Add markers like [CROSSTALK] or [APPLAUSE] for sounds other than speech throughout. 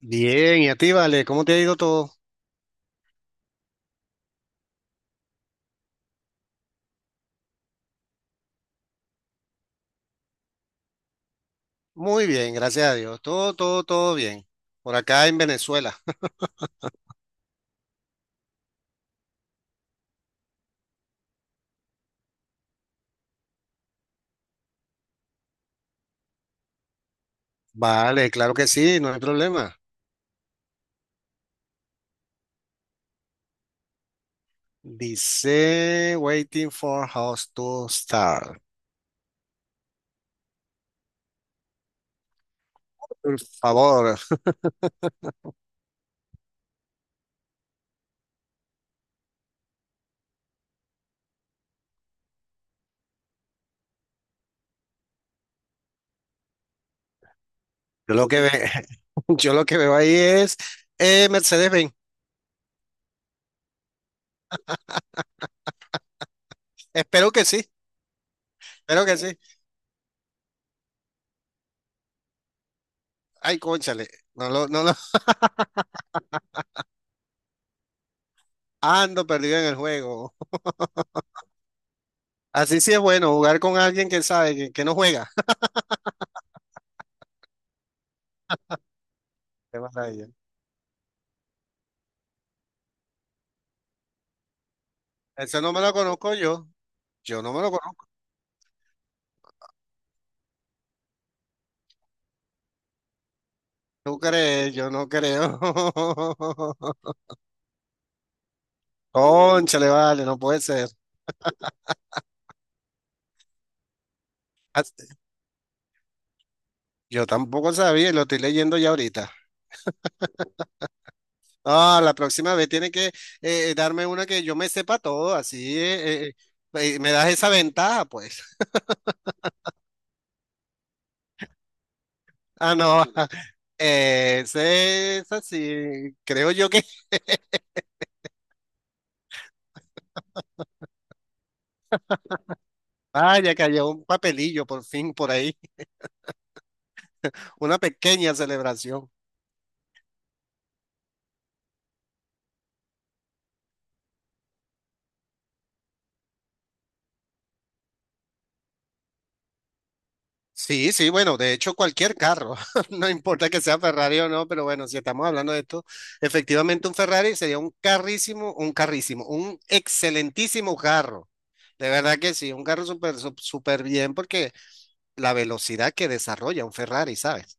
Bien, y a ti, Vale, ¿cómo te ha ido todo? Muy bien, gracias a Dios. Todo bien. Por acá en Venezuela. Vale, claro que sí, no hay problema. Dice waiting for house to start. Por favor, yo lo que ve, [LAUGHS] yo lo que veo ahí es Mercedes-Benz. Espero que sí, espero que sí. Ay, cónchale, no lo [LAUGHS] ando perdido en el juego. Así sí es bueno jugar con alguien que sabe que no juega. [LAUGHS] Qué maravilla. Eso no me lo conozco yo. Yo no me lo ¿Tú crees? Yo no creo. [LAUGHS] Cónchale, vale, no puede ser. Ah, yo tampoco sabía y lo estoy leyendo ya ahorita. Ah, la próxima vez tiene que darme una que yo me sepa todo, así me das esa ventaja, pues. Ah, no, [LAUGHS] ese es así, creo yo que... [LAUGHS] Vaya, que haya un papelillo por fin por ahí, una pequeña celebración. Sí, sí, bueno, de hecho cualquier carro, [LAUGHS] no importa que sea Ferrari o no, pero bueno, si estamos hablando de esto, efectivamente un Ferrari sería un carrísimo, un carrísimo, un excelentísimo carro. De verdad que sí, un carro súper, súper bien porque la velocidad que desarrolla un Ferrari, ¿sabes?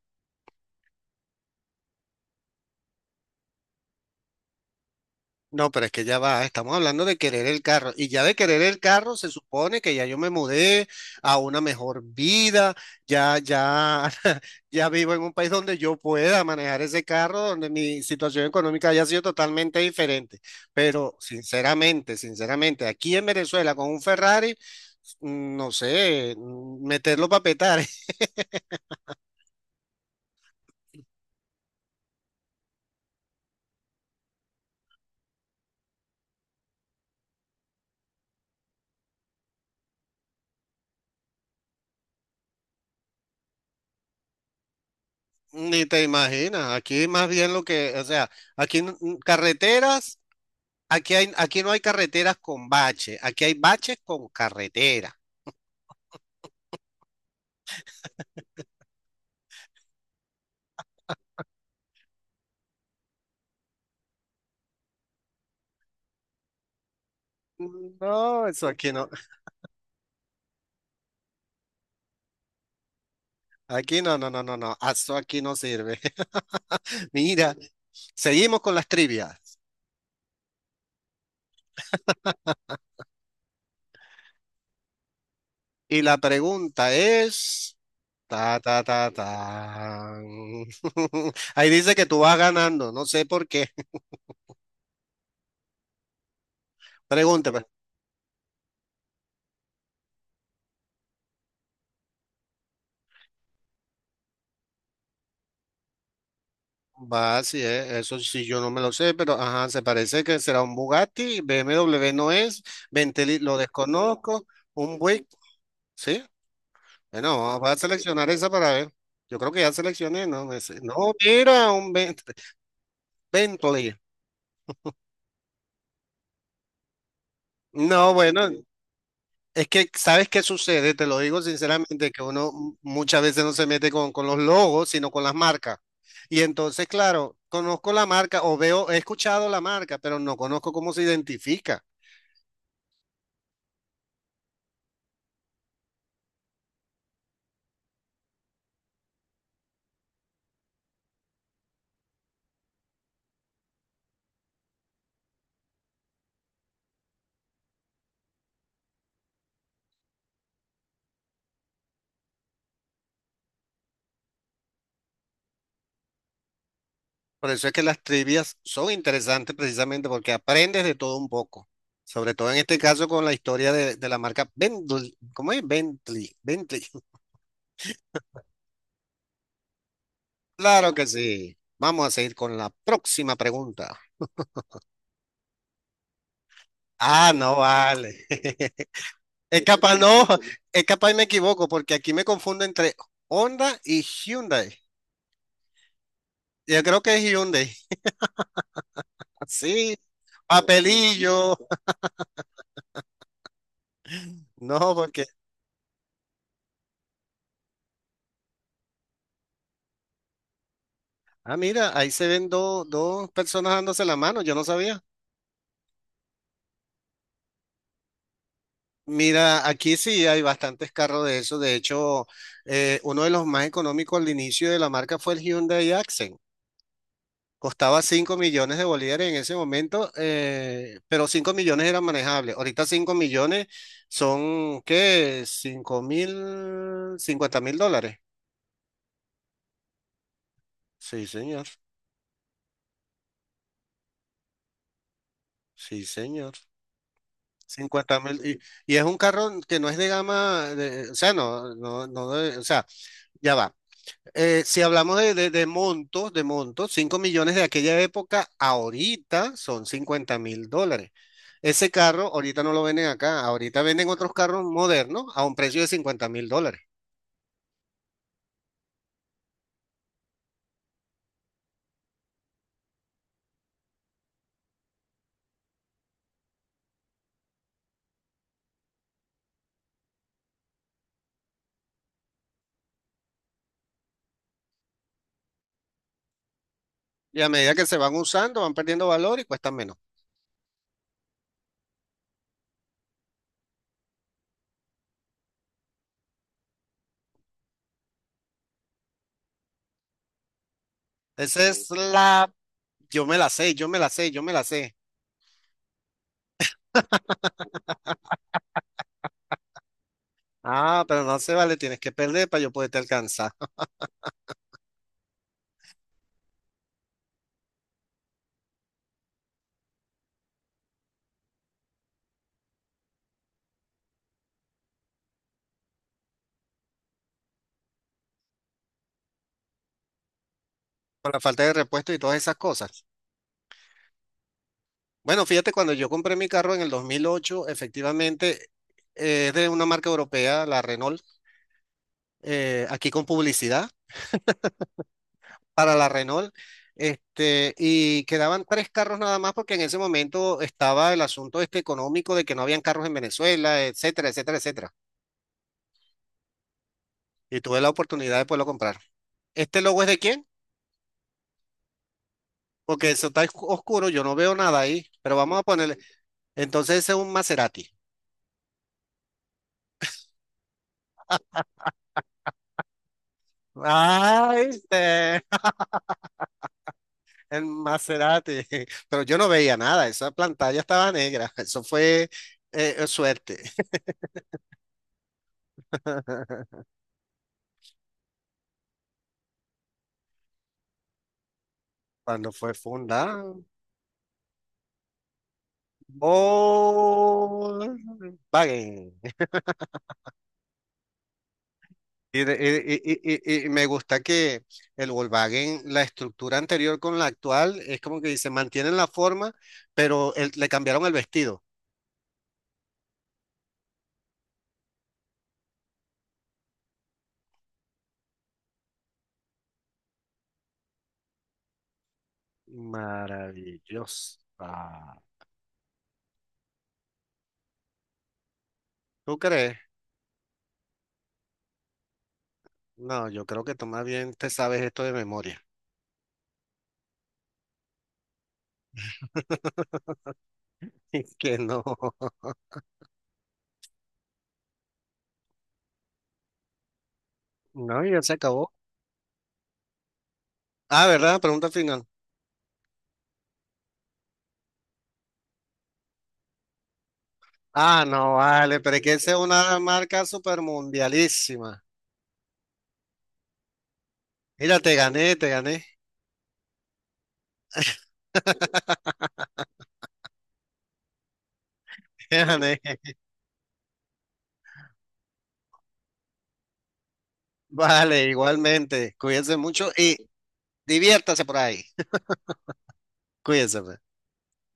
No, pero es que ya va, estamos hablando de querer el carro y ya de querer el carro se supone que ya yo me mudé a una mejor vida, ya, ya, [LAUGHS] ya vivo en un país donde yo pueda manejar ese carro, donde mi situación económica haya sido totalmente diferente. Pero sinceramente, sinceramente, aquí en Venezuela con un Ferrari, no sé, meterlo para petar. [LAUGHS] Ni te imaginas, aquí más bien lo que, o sea, aquí carreteras. Aquí no hay carreteras con bache. Aquí hay baches con carretera. No, eso aquí no, no, no, no, no, eso aquí no sirve. [LAUGHS] Mira, seguimos con las trivias. Y la pregunta es, ta, ta, ta, ta. [LAUGHS] Ahí dice que tú vas ganando, no sé por qué. Pregúntame. Va, sí, eso sí, yo no me lo sé, pero ajá, se parece que será un Bugatti, BMW no es, Bentley lo desconozco, un Buick, ¿sí? Bueno, vamos a seleccionar esa para ver. Yo creo que ya seleccioné, no me sé. No, mira, Bentley. No, bueno, es que sabes qué sucede, te lo digo sinceramente, que uno muchas veces no se mete con los logos, sino con las marcas. Y entonces, claro, conozco la marca o veo, he escuchado la marca, pero no conozco cómo se identifica. Por eso es que las trivias son interesantes precisamente porque aprendes de todo un poco. Sobre todo en este caso con la historia de la marca Bentley. ¿Cómo es? Bentley. Bentley. Claro que sí. Vamos a seguir con la próxima pregunta. Ah, no vale. [LAUGHS] Es capaz, no, es capaz y me equivoco porque aquí me confundo entre Honda y Hyundai. Yo creo que es Hyundai. Ah, sí, papelillo. No, porque, ah, mira, ahí se ven dos personas dándose la mano, yo no sabía. Mira, aquí sí hay bastantes carros de eso. De hecho, uno de los más económicos al inicio de la marca fue el Hyundai Accent. Costaba 5 millones de bolívares en ese momento, pero 5 millones eran manejables. Ahorita 5 millones son, ¿qué? 5 mil, 50 mil dólares. Sí, señor. Sí, señor. Cincuenta mil. Y es un carro que no es de gama, o sea, no, no, no, o sea, ya va. Si hablamos de montos, 5 millones de aquella época, ahorita son 50 mil dólares. Ese carro ahorita no lo venden acá, ahorita venden otros carros modernos a un precio de 50 mil dólares. Y a medida que se van usando, van perdiendo valor y cuestan menos. Esa es la, yo me la sé, yo me la sé, yo me la sé. Ah, pero no se vale, tienes que perder para yo poderte alcanzar. Por la falta de repuesto y todas esas cosas. Bueno, fíjate, cuando yo compré mi carro en el 2008, efectivamente es de una marca europea, la Renault, aquí con publicidad para la Renault, este, y quedaban 3 carros nada más porque en ese momento estaba el asunto este económico de que no habían carros en Venezuela, etcétera, etcétera, etcétera. Y tuve la oportunidad de poderlo comprar. ¿Este logo es de quién? Porque eso está oscuro, yo no veo nada ahí, pero vamos a ponerle. Entonces ese es un Maserati. Ah, ¿viste? El Maserati, [LAUGHS] pero yo no veía nada, esa pantalla estaba negra, [LAUGHS] eso fue suerte. [LAUGHS] Cuando fue fundada, Volkswagen. Y, y me gusta que el Volkswagen, la estructura anterior con la actual, es como que dice, mantienen la forma, pero le cambiaron el vestido. Maravilloso. Ah. ¿Tú crees? No, yo creo que tú más bien te sabes esto de memoria. [LAUGHS] Que no. [LAUGHS] No, ya se acabó. Ah, ¿verdad? Pregunta final. Ah, no, vale, pero es que esa es una marca super mundialísima. Mira, te gané, [LAUGHS] te gané. Vale, igualmente. Cuídense mucho y diviértase por ahí. [LAUGHS] Cuídense. Pues.